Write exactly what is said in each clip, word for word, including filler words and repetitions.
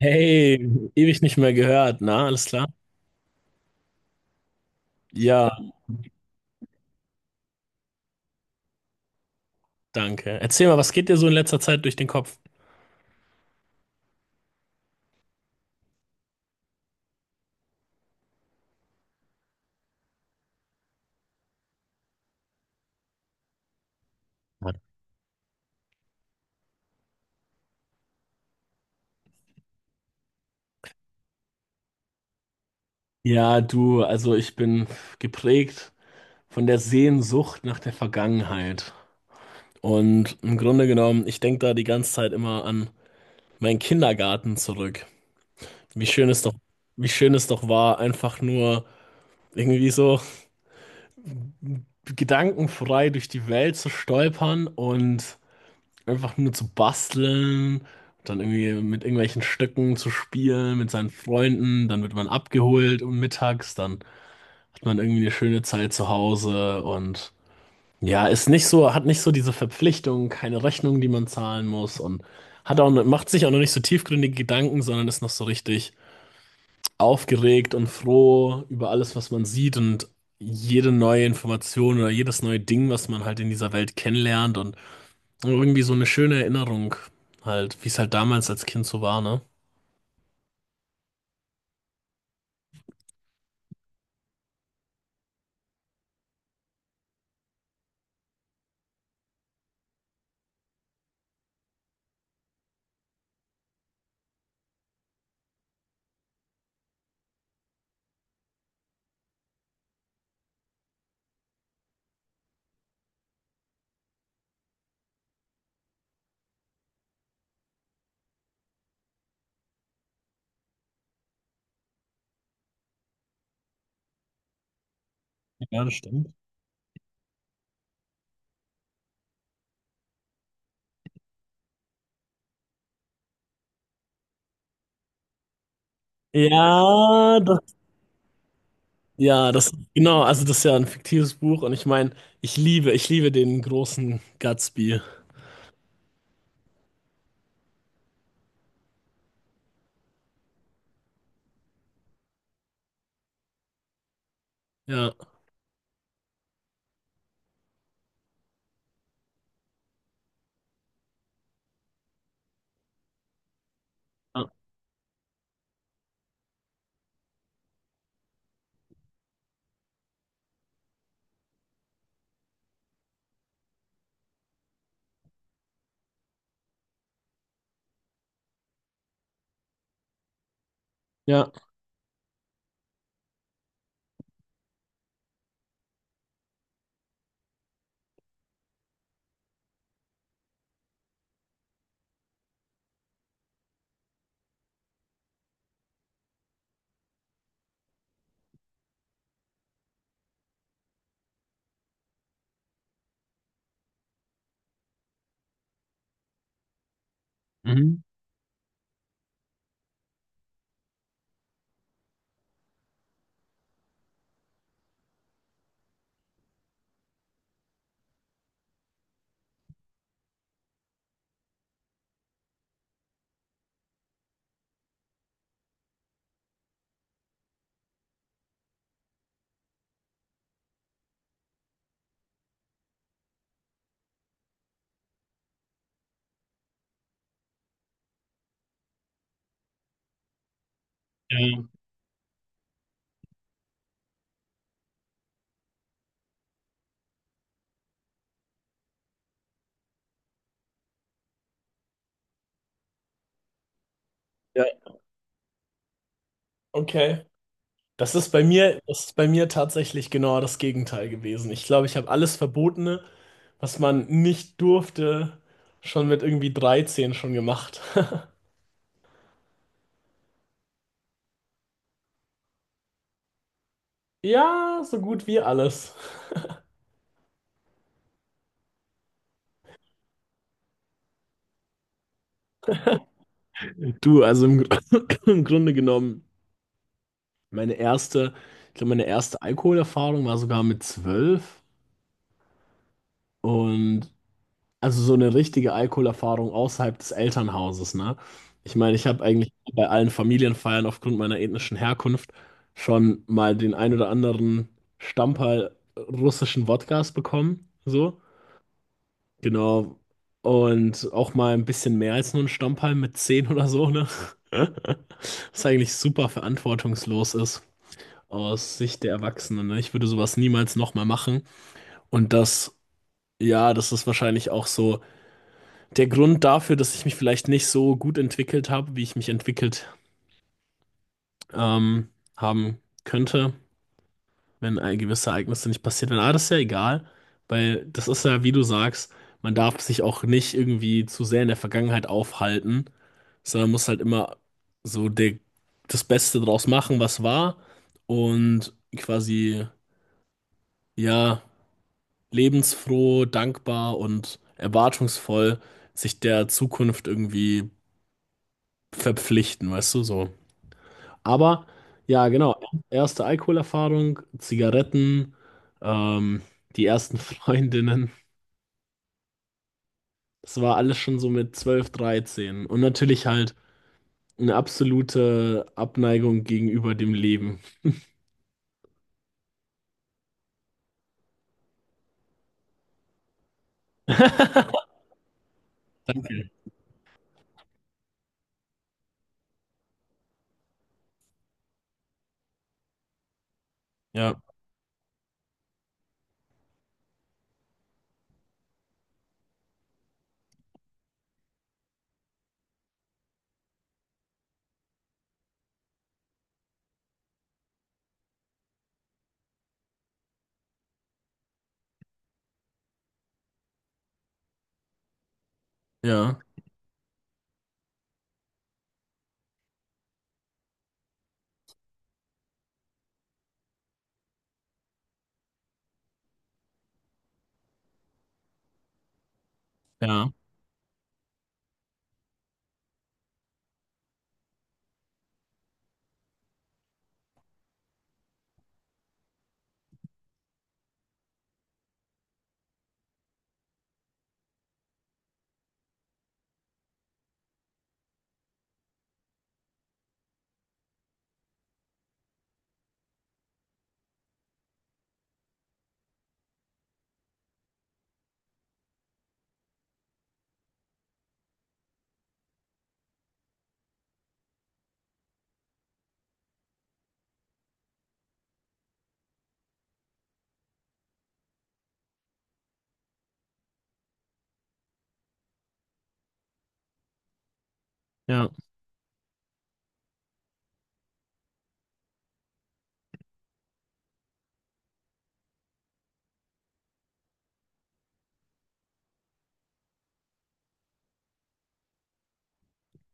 Hey, ewig nicht mehr gehört, na, alles klar? Ja, danke. Erzähl mal, was geht dir so in letzter Zeit durch den Kopf? Ja, du, also ich bin geprägt von der Sehnsucht nach der Vergangenheit. Und im Grunde genommen, ich denke da die ganze Zeit immer an meinen Kindergarten zurück. Wie schön es doch, Wie schön es doch war, einfach nur irgendwie so gedankenfrei durch die Welt zu stolpern und einfach nur zu basteln, dann irgendwie mit irgendwelchen Stöcken zu spielen, mit seinen Freunden, dann wird man abgeholt um mittags, dann hat man irgendwie eine schöne Zeit zu Hause und ja, ist nicht so, hat nicht so diese Verpflichtung, keine Rechnung, die man zahlen muss und hat auch, macht sich auch noch nicht so tiefgründige Gedanken, sondern ist noch so richtig aufgeregt und froh über alles, was man sieht und jede neue Information oder jedes neue Ding, was man halt in dieser Welt kennenlernt und und Irgendwie so eine schöne Erinnerung halt, wie es halt damals als Kind so war, ne? Ja, das stimmt. Ja, das, ja, das, genau, also das ist ja ein fiktives Buch und ich meine, ich liebe, ich liebe den großen Gatsby. Ja, ja. Mhm. Ja, ja, okay. Das ist bei mir, das ist bei mir tatsächlich genau das Gegenteil gewesen. Ich glaube, ich habe alles Verbotene, was man nicht durfte, schon mit irgendwie dreizehn schon gemacht. Ja, so gut wie alles. Du, also im, Gr- im Grunde genommen, meine erste, ich glaube, meine erste Alkoholerfahrung war sogar mit zwölf und also so eine richtige Alkoholerfahrung außerhalb des Elternhauses, ne? Ich meine, ich habe eigentlich bei allen Familienfeiern aufgrund meiner ethnischen Herkunft schon mal den ein oder anderen Stamperl russischen Wodkas bekommen, so, genau. Und auch mal ein bisschen mehr als nur ein Stamperl mit zehn oder so, ne? Was eigentlich super verantwortungslos ist, aus Sicht der Erwachsenen. Ne? Ich würde sowas niemals nochmal machen. Und das, ja, das ist wahrscheinlich auch so der Grund dafür, dass ich mich vielleicht nicht so gut entwickelt habe, wie ich mich entwickelt ähm, haben könnte, wenn ein- gewisse Ereignisse nicht passiert wären. Aber das ist ja egal, weil das ist ja, wie du sagst, man darf sich auch nicht irgendwie zu sehr in der Vergangenheit aufhalten, sondern muss halt immer so der, das Beste draus machen, was war und quasi, ja, lebensfroh, dankbar und erwartungsvoll sich der Zukunft irgendwie verpflichten, weißt du, so. Aber ja, genau, erste Alkoholerfahrung, Zigaretten, ähm, die ersten Freundinnen, das war alles schon so mit zwölf dreizehn und natürlich halt eine absolute Abneigung gegenüber dem Leben. Danke. Ja, ja, ja, ja,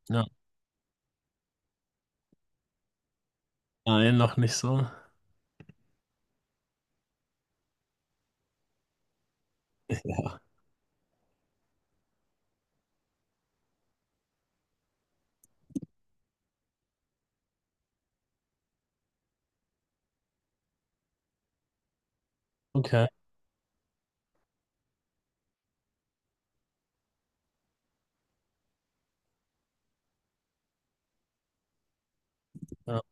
ja. Nein, noch nicht so. Okay. Ja.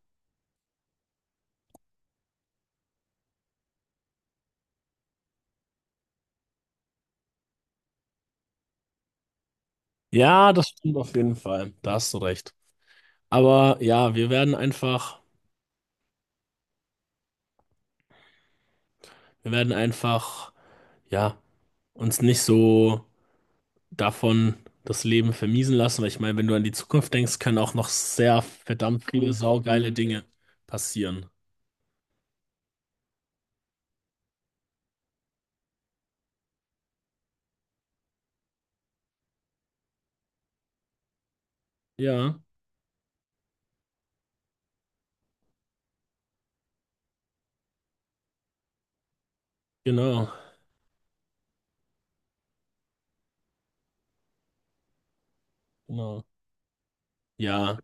Ja, das stimmt auf jeden Fall. Da hast du recht. Aber ja, wir werden einfach, wir werden einfach, ja, uns nicht so davon das Leben vermiesen lassen, weil ich meine, wenn du an die Zukunft denkst, können auch noch sehr verdammt viele saugeile Dinge passieren. Ja, genau, genau. Ja.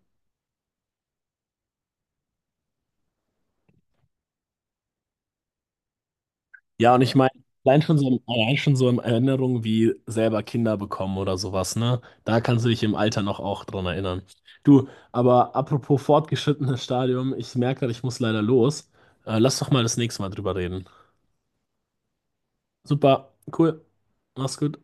Ja, und ich meine, allein schon so, allein schon so in Erinnerung wie selber Kinder bekommen oder sowas, ne? Da kannst du dich im Alter noch auch dran erinnern. Du, aber apropos fortgeschrittenes Stadium, ich merke gerade, ich muss leider los. Äh, lass doch mal das nächste Mal drüber reden. Super, cool. Mach's gut.